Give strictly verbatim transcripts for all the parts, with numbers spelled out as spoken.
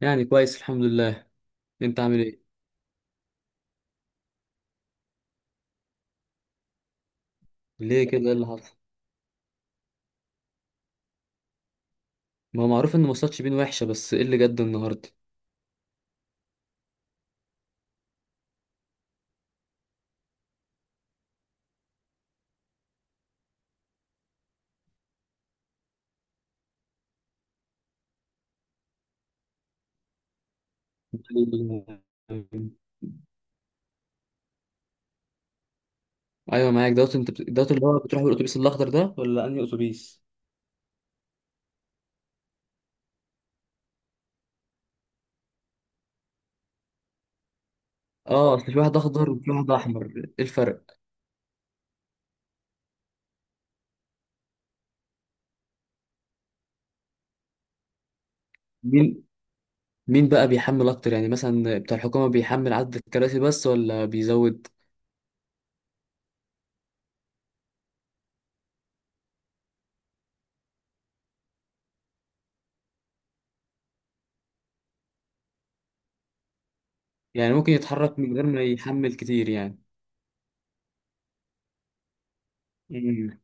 يعني كويس الحمد لله. انت عامل ايه؟ ليه كده، ايه اللي حصل؟ ما هو معروف ان ماتشات شبين وحشه، بس ايه اللي جد النهارده؟ ايوه معاك دوت. انت بت... دوت اللي هو بتروح بالاتوبيس الاخضر ده ولا انهي اتوبيس؟ اه، اصل في واحد اخضر وفي واحد احمر، ايه الفرق؟ مين؟ مين بقى بيحمل اكتر، يعني مثلا بتاع الحكومه بيحمل عدد الكراسي بس ولا بيزود؟ يعني ممكن يتحرك من غير ما يحمل كتير يعني؟ مم.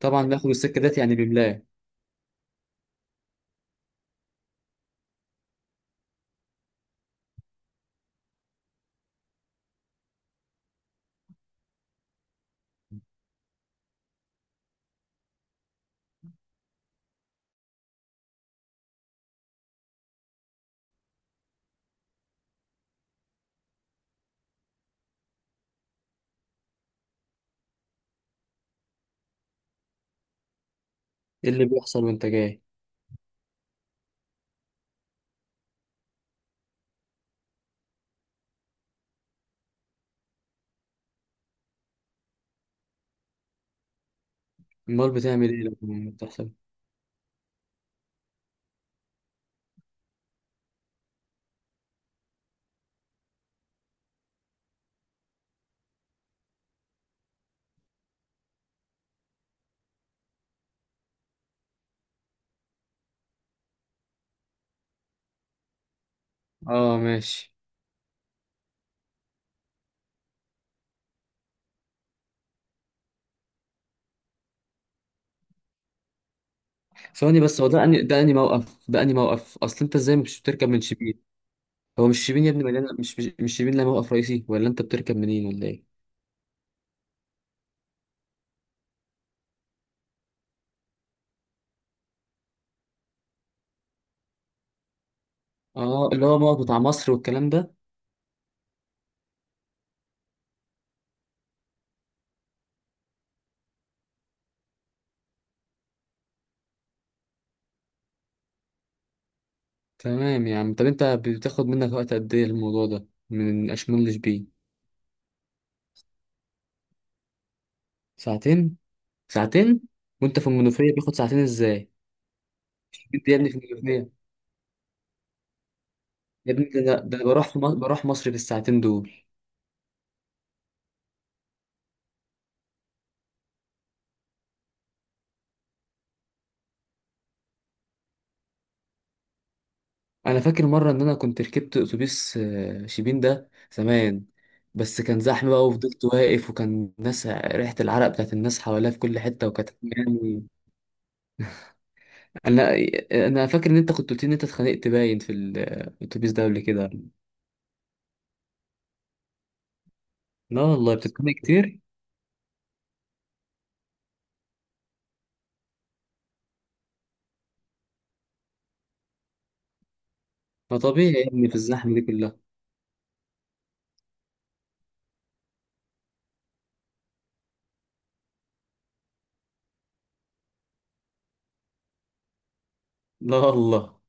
طبعا بياخد السكه ديت، يعني بيملاه. ايه اللي بيحصل وانت جاي؟ امال بتعمل ايه لما بتحصل؟ اه ماشي. ثواني بس، هو ده اني، ده اني موقف، ده اني موقف؟ اصل انت ازاي مش بتركب من شبين؟ هو مش شبين يا ابني مليانه، مش مش مش شبين، لا موقف رئيسي، ولا انت بتركب منين ولا ايه؟ اه اللي هو موقف بتاع مصر والكلام ده. تمام يا عم. طب انت بتاخد منك وقت قد ايه الموضوع ده من اشمون لشبين؟ ساعتين؟ ساعتين. وانت في المنوفيه بياخد ساعتين ازاي؟ انت يا ابني في المنوفيه. يا ابني، ده ده ده انا بروح في مصر، بروح مصر في الساعتين دول. انا فاكر مره ان انا كنت ركبت اتوبيس آه، شيبين ده زمان. بس كان زحمه بقى وفضلت واقف، وكان ناس ريحه العرق بتاعت الناس حواليا في كل حته، وكانت يعني... انا انا فاكر ان انت كنت قلت لي ان انت اتخانقت باين في ال- الاتوبيس ده قبل كده. لا والله بتتخانق كتير. ما طبيعي يا ابني في الزحمه دي كلها. لا والله.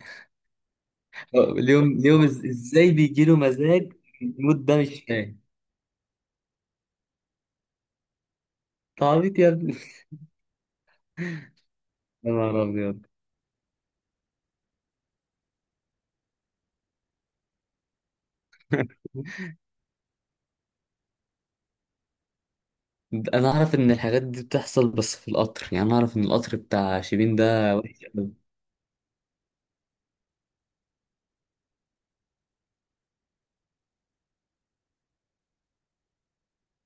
اليوم اليوم إز- ازاي بيجي له مزاج؟ المود ده مش فاهم. تعبيط يا ابني. يا نهار ابيض. انا اعرف ان الحاجات دي بتحصل بس في القطر، يعني انا اعرف ان القطر بتاع شيبين ده وحش قوي.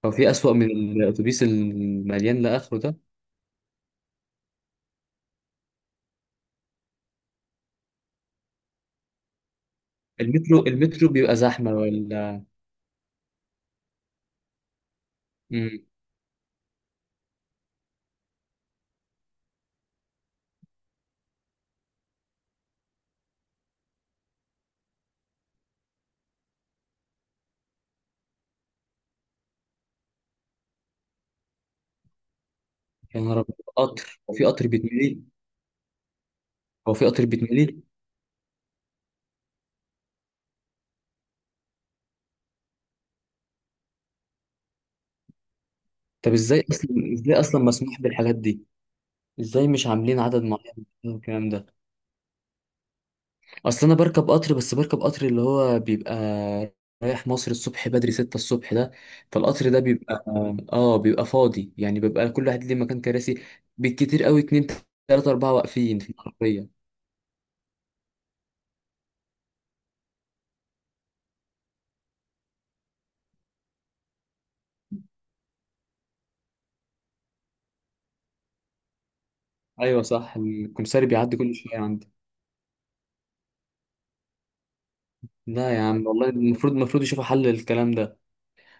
هو في اسوأ من الاتوبيس المليان لاخره ده؟ المترو، المترو بيبقى زحمه ولا؟ امم. يا نهار أبيض. قطر، هو في قطر بيتملي؟ هو في قطر بيتملي؟ طب ازاي اصلا، ازاي اصلا مسموح بالحاجات دي؟ ازاي مش عاملين عدد معين من الكلام ده؟ اصل انا بركب قطر، بس بركب قطر اللي هو بيبقى رايح مصر الصبح بدري ستة الصبح ده. فالقطر ده بيبقى، اه بيبقى فاضي، يعني بيبقى كل واحد ليه مكان كراسي. بالكتير قوي اتنين تلاتة اربعة واقفين في العربية. ايوه صح، الكمساري بيعدي كل شوية عندي. لا يا عم والله، المفروض المفروض يشوفوا حل للكلام ده.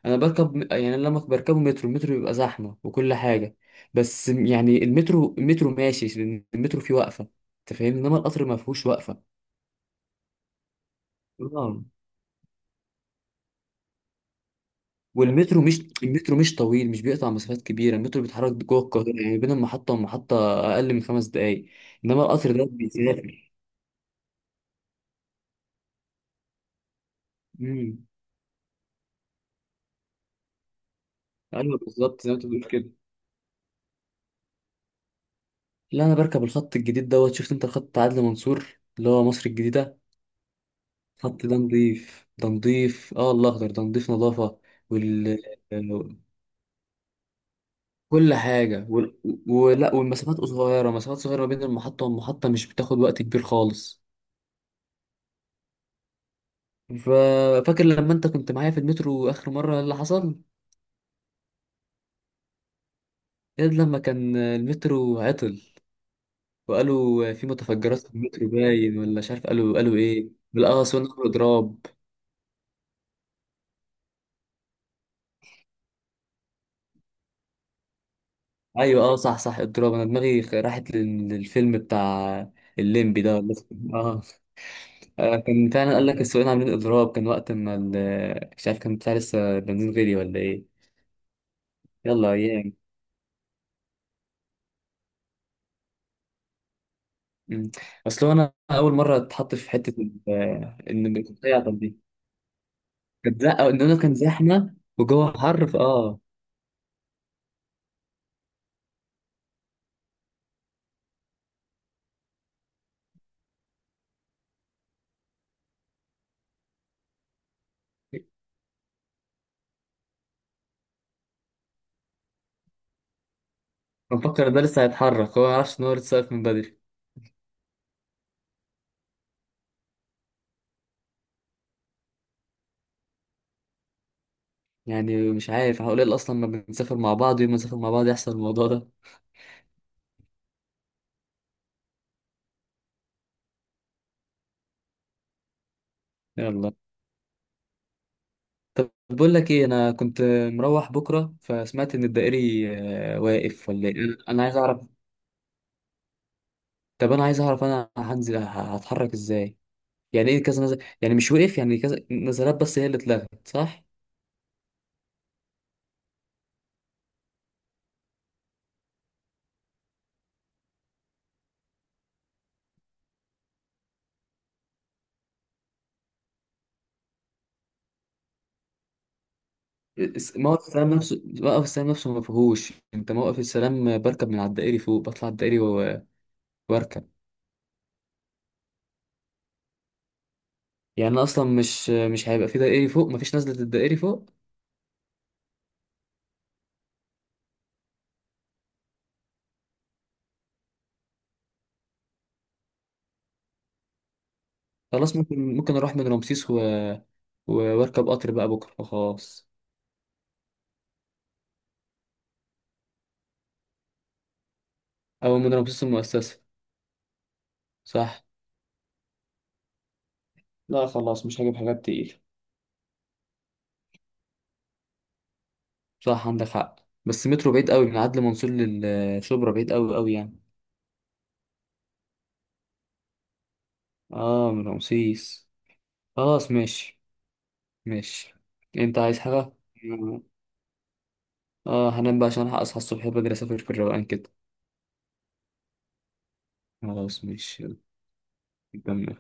انا بركب يعني لما بركبه مترو، المترو بيبقى زحمة وكل حاجة. بس يعني المترو، المترو ماشي. المترو فيه وقفة. انت فاهمني، انما القطر ما فيهوش وقفة. والمترو مش المترو مش طويل، مش بيقطع مسافات كبيره. المترو بيتحرك جوه القاهره، يعني بين المحطه والمحطه اقل من خمس دقائق. انما القطر ده بيسافر. امم. ايوه بالظبط زي ما انت بتقول كده. لا انا بركب الخط الجديد دوت. شفت انت الخط بتاع عدلي منصور اللي هو مصر الجديده؟ الخط ده نضيف، ده نضيف، اه الاخضر ده نضيف نظافه. وال كل حاجه وال... ولا، والمسافات صغيره، مسافات صغيره ما بين المحطه والمحطه، مش بتاخد وقت كبير خالص. ففاكر لما انت كنت معايا في المترو اخر مره اللي حصل؟ ايه لما كان المترو عطل، وقالوا في متفجرات في المترو باين، ولا مش عارف قالوا، قالوا ايه بالاقصى، قالوا اضراب؟ ايوه اه صح صح اضراب، انا دماغي خ- راحت لل- للفيلم بتاع الليمبي ده ولا اسمه- إيه؟ اه. آه، كان فعلا قال لك السواقين عاملين اضراب؟ كان وقت ما ال- مش عارف كان بتاع لسه بنزين غالي ولا ايه؟ يلا ايام. مم. اصل هو انا اول مره اتحط في حته ال- ان المترو كانت زق- أو إنه كان زحمة وجوه حر فآه بفكر ده لسه هيتحرك، هو معرفش إن هو لسه واقف من بدري. يعني مش عارف هقول إيه أصلا، ما بنسافر مع بعض، يوم ما نسافر مع بعض يحصل الموضوع ده. يلا. طب بقول لك إيه؟ أنا كنت مروح بكرة فسمعت إن الدائري... آه، واقف ولا إيه؟ أنا أنا عايز أعرف. طب أنا عايز أعرف، أنا هنزل ه- هتحرك إزاي؟ يعني إيه كذا نزل يعني مش وقف، يعني كذا نزلات بس هي اللي اتلغت، صح؟ الس- موقف السلام نفسه، موقف السلام نفسه ما فيهوش. انت موقف السلام بركب من على الدائري فوق، بطلع الدائري و- واركب. يعني انا اصلا مش مش هيبقى في دائري فوق، مفيش نزلة الدائري فوق. خلاص، ممكن ممكن اروح من رمسيس و... و- واركب قطر بقى بكره وخلاص. او من رمسيس المؤسسة. صح. لا خلاص مش هجيب حاجات تقيلة. صح عندك حق. بس مترو بعيد قوي، من عدلي منصور للشبرا بعيد قوي قوي يعني. اه من رمسيس. خلاص ماشي. ماشي. انت عايز حاجة؟ اه هنام بقى عشان ألحق اصحى الصبح بدري، اسافر في الروقان كده. خلاص ماشي يلا. نكمل.